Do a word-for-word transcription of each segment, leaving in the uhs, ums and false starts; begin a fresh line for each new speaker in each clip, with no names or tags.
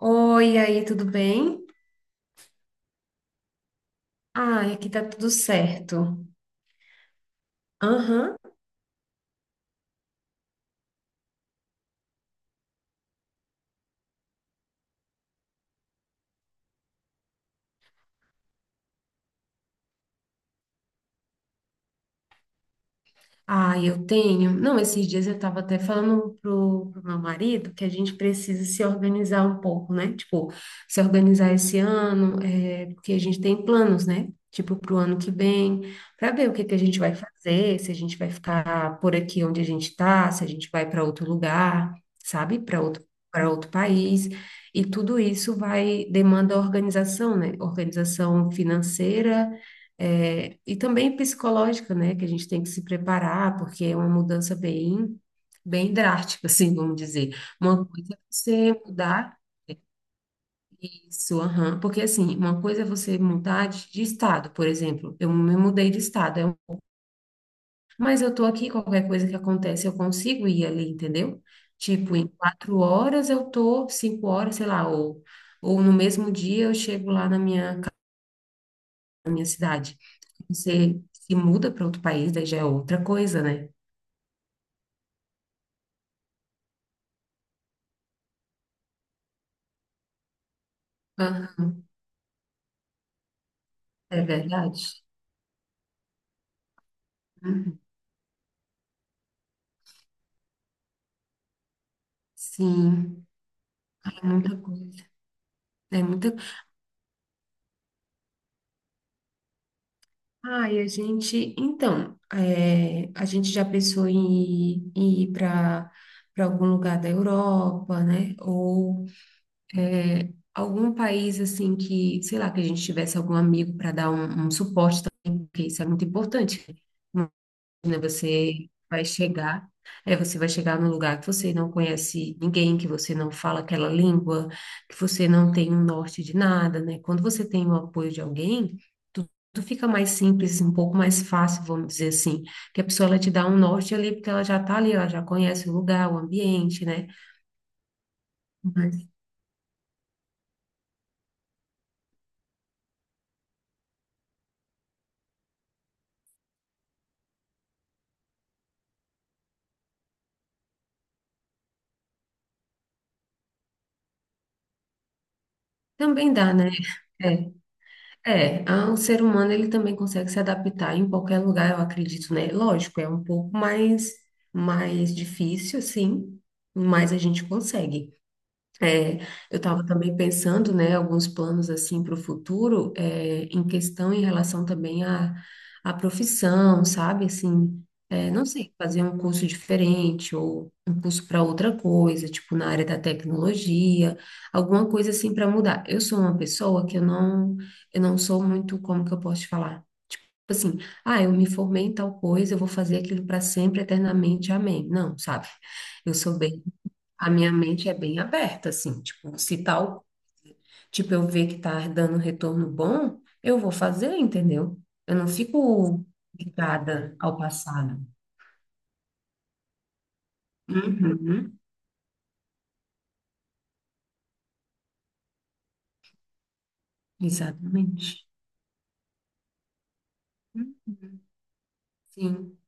Oi, e aí, tudo bem? Ah, aqui tá tudo certo. Aham. Ah, eu tenho. Não, esses dias eu estava até falando pro, pro meu marido que a gente precisa se organizar um pouco, né? Tipo, se organizar esse ano, é, porque a gente tem planos, né? Tipo, pro ano que vem, para ver o que que a gente vai fazer, se a gente vai ficar por aqui onde a gente está, se a gente vai para outro lugar, sabe? Para outro, para outro país. E tudo isso vai demanda organização, né? Organização financeira é, e também psicológica, né? Que a gente tem que se preparar, porque é uma mudança bem, bem drástica, assim, vamos dizer. Uma coisa é você mudar isso, aham, porque assim, uma coisa é você mudar de, de estado, por exemplo. Eu me mudei de estado, eu- mas eu tô aqui, qualquer coisa que acontece, eu consigo ir ali, entendeu? Tipo, em quatro horas eu tô, cinco horas, sei lá, ou, ou no mesmo dia eu chego lá na minha, ca- na minha cidade. Você se muda para outro país, daí já é outra coisa, né? Aham. É verdade? Uhum. Sim, é muita coisa. É muita. Ah, e a gente, então, é, a gente já pensou em, em ir para para algum lugar da Europa, né? Ou algum país assim que, sei lá, que a gente tivesse algum amigo para dar um, um suporte também, porque isso é muito importante. né? né? Você vai chegar, é, você vai chegar num lugar que você não conhece ninguém, que você não fala aquela língua, que você não tem um norte de nada, né? Quando você tem o apoio de alguém, tu- tudo fica mais simples, um pouco mais fácil, vamos dizer assim, que a pessoa ela te dá um norte ali, porque ela já tá ali, ela já conhece o lugar, o ambiente, né? Mas também dá, né? É. É, ah, o ser humano ele também consegue se adaptar em qualquer lugar, eu acredito, né? Lógico, é um pouco mais mais difícil, sim, mas a gente consegue. É, eu estava também pensando, né, alguns planos assim para o futuro, é, em questão em relação também à, à profissão, sabe? Assim, é, não sei, fazer um curso diferente ou um curso para outra coisa, tipo na área da tecnologia, alguma coisa assim para mudar. Eu sou uma pessoa que eu não, eu não sou muito, como que eu posso te falar? Tipo assim, ah, eu me formei em tal coisa, eu vou fazer aquilo para sempre, eternamente, amém. Não, sabe? Eu sou bem a minha mente é bem aberta, assim, tipo, se tal, tipo, eu ver que tá dando um retorno bom, eu vou fazer, entendeu? Eu não fico ligada ao passado. Uhum. Exatamente. Uhum. Sim.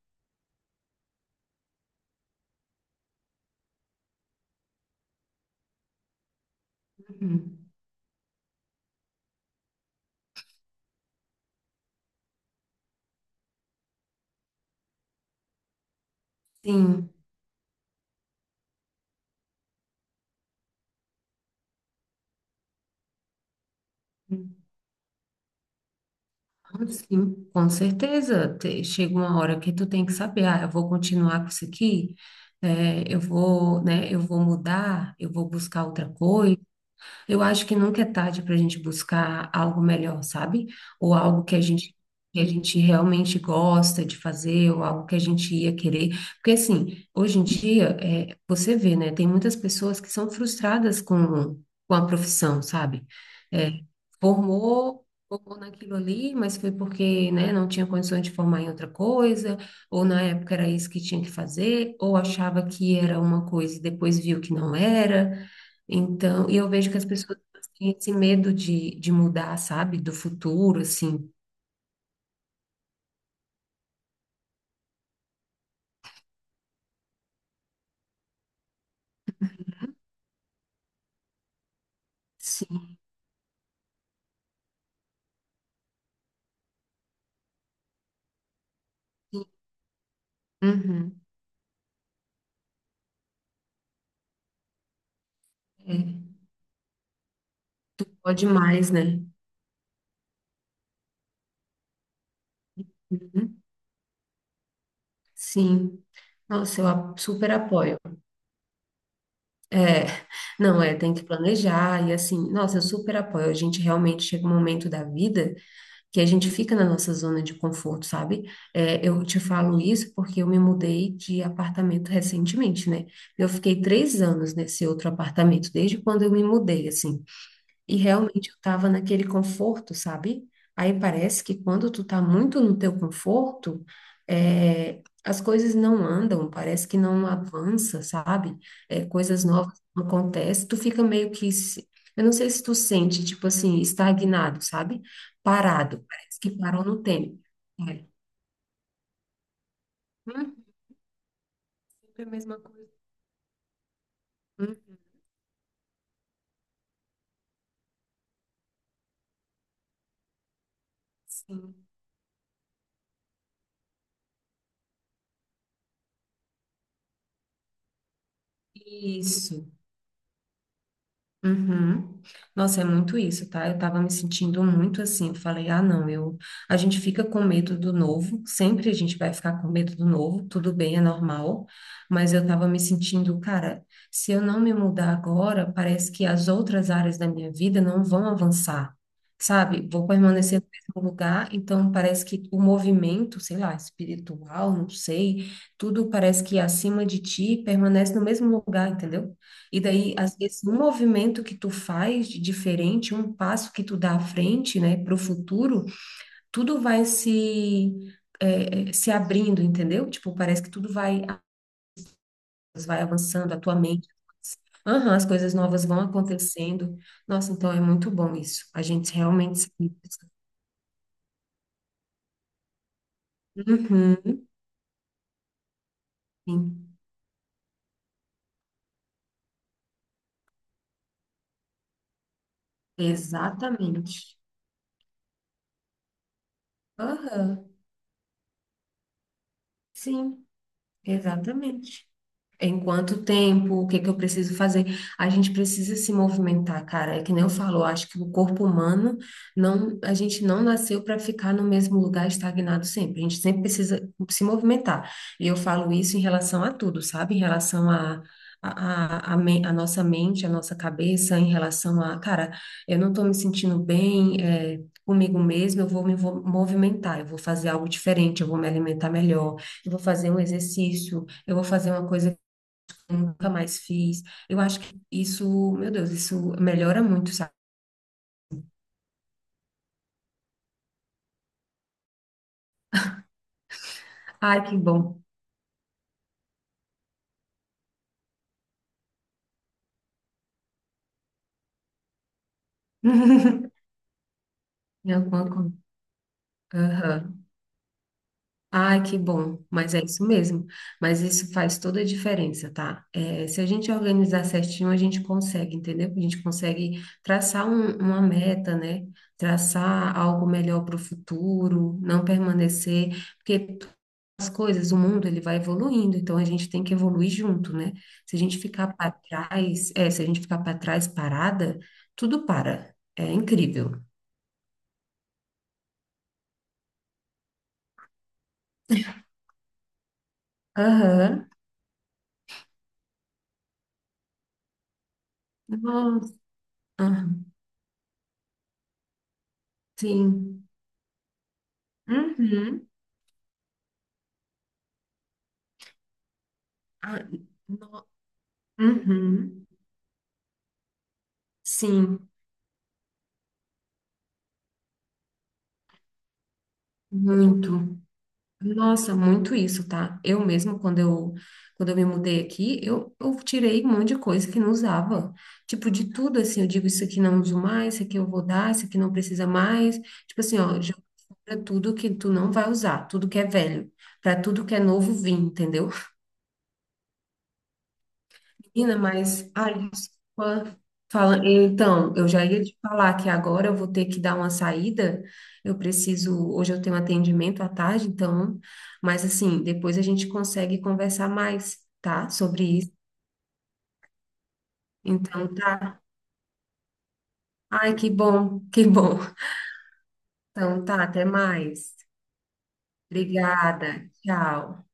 Uhum. Sim. Uhum. Sim, com certeza. Te- Chega uma hora que tu tem que saber, ah, eu vou continuar com isso aqui, é, eu vou, né, eu vou mudar, eu vou buscar outra coisa. Eu acho que nunca é tarde para a gente buscar algo melhor, sabe? Ou algo que a gente, que a gente realmente gosta de fazer, ou algo que a gente ia querer. Porque, assim, hoje em dia, é, você vê, né? Tem muitas pessoas que são frustradas com, com a profissão, sabe? É, formou, formou naquilo ali, mas foi porque, né, não tinha condições de formar em outra coisa, ou na época era isso que tinha que fazer, ou achava que era uma coisa e depois viu que não era. Então, e eu vejo que as pessoas têm esse medo de, de mudar, sabe? Do futuro, assim. Sim. Uhum. É. Pode mais, né? Uhum. Sim. Nossa, eu a- super apoio. É, não, é, tem que planejar e assim, nossa, eu super apoio. A gente realmente chega um momento da vida que a gente fica na nossa zona de conforto, sabe? É, eu te falo isso porque eu me mudei de apartamento recentemente, né? Eu fiquei três anos nesse outro apartamento, desde quando eu me mudei, assim. E realmente eu estava naquele conforto, sabe? Aí parece que quando tu tá muito no teu conforto, é, as coisas não andam, parece que não avança, sabe? É, coisas novas não acontecem, tu fica meio que, se- eu não sei se tu sente, tipo assim, estagnado, sabe? Parado, parece que parou no tempo. É. Hum, sempre a mesma coisa. Hum, sim, isso. Uhum. Nossa, é muito isso, tá? Eu tava me sentindo muito assim. Eu falei, ah, não, eu. A gente fica com medo do novo, sempre a gente vai ficar com medo do novo, tudo bem, é normal, mas eu tava me sentindo, cara, se eu não me mudar agora, parece que as outras áreas da minha vida não vão avançar, sabe? Vou permanecer no mesmo lugar, então parece que o movimento, sei lá, espiritual, não sei, tudo parece que é acima de ti permanece no mesmo lugar, entendeu? E daí, às vezes, um movimento que tu faz de diferente, um passo que tu dá à frente, né, para o futuro, tudo vai se, é, é, se abrindo, entendeu? Tipo, parece que tudo vai, vai avançando, a tua mente. Aham, as coisas novas vão acontecendo. Nossa, então é muito bom isso. A gente realmente. se- Uhum, sim, exatamente. Aham, sim, exatamente. Em quanto tempo? O que que eu preciso fazer? A gente precisa se movimentar, cara. É que nem eu falo, eu acho que o corpo humano não, a gente não nasceu para ficar no mesmo lugar estagnado sempre. A gente sempre precisa se movimentar. E eu falo isso em relação a tudo, sabe? Em relação a A, a, a men- a nossa mente, a nossa cabeça, em relação a, cara, eu não estou me sentindo bem, é, comigo mesma, eu vou me vo- movimentar, eu vou fazer algo diferente, eu vou me alimentar melhor, eu vou fazer um exercício, eu vou fazer uma coisa nunca mais fiz. Eu acho que isso, meu Deus, isso melhora muito, sabe? Ai, que bom. Em alguma coisa. Aham. Ai, que bom. Mas é isso mesmo. Mas isso faz toda a diferença, tá? É, se a gente organizar certinho, a gente consegue, entendeu? A gente consegue traçar um- uma meta, né? Traçar algo melhor para o futuro, não permanecer. Porque as coisas, o mundo ele vai evoluindo, então a gente tem que evoluir junto, né? Se a gente ficar para trás, é, se a gente ficar para trás parada, tudo para. É incrível. Aham. Nossa. Aham, sim. Uhum. Ah, no- Uhum. Sim, muito. Nossa, muito isso, tá? Eu mesmo, quando eu, quando eu, me mudei aqui, eu, eu tirei um monte de coisa que não usava. Tipo, de tudo, assim, eu digo, isso aqui não uso mais, isso aqui eu vou dar, isso aqui não precisa mais. Tipo assim, ó, joga fora tudo que tu não vai usar, tudo que é velho, para tudo que é novo vir, entendeu? Menina, mas a desculpa, fala, então, eu já ia te falar que agora eu vou ter que dar uma saída. Eu preciso, hoje eu tenho atendimento à tarde, então, mas assim, depois a gente consegue conversar mais, tá? Sobre isso. Então, tá. Ai, que bom, que bom. Então, tá, até mais. Obrigada. Tchau.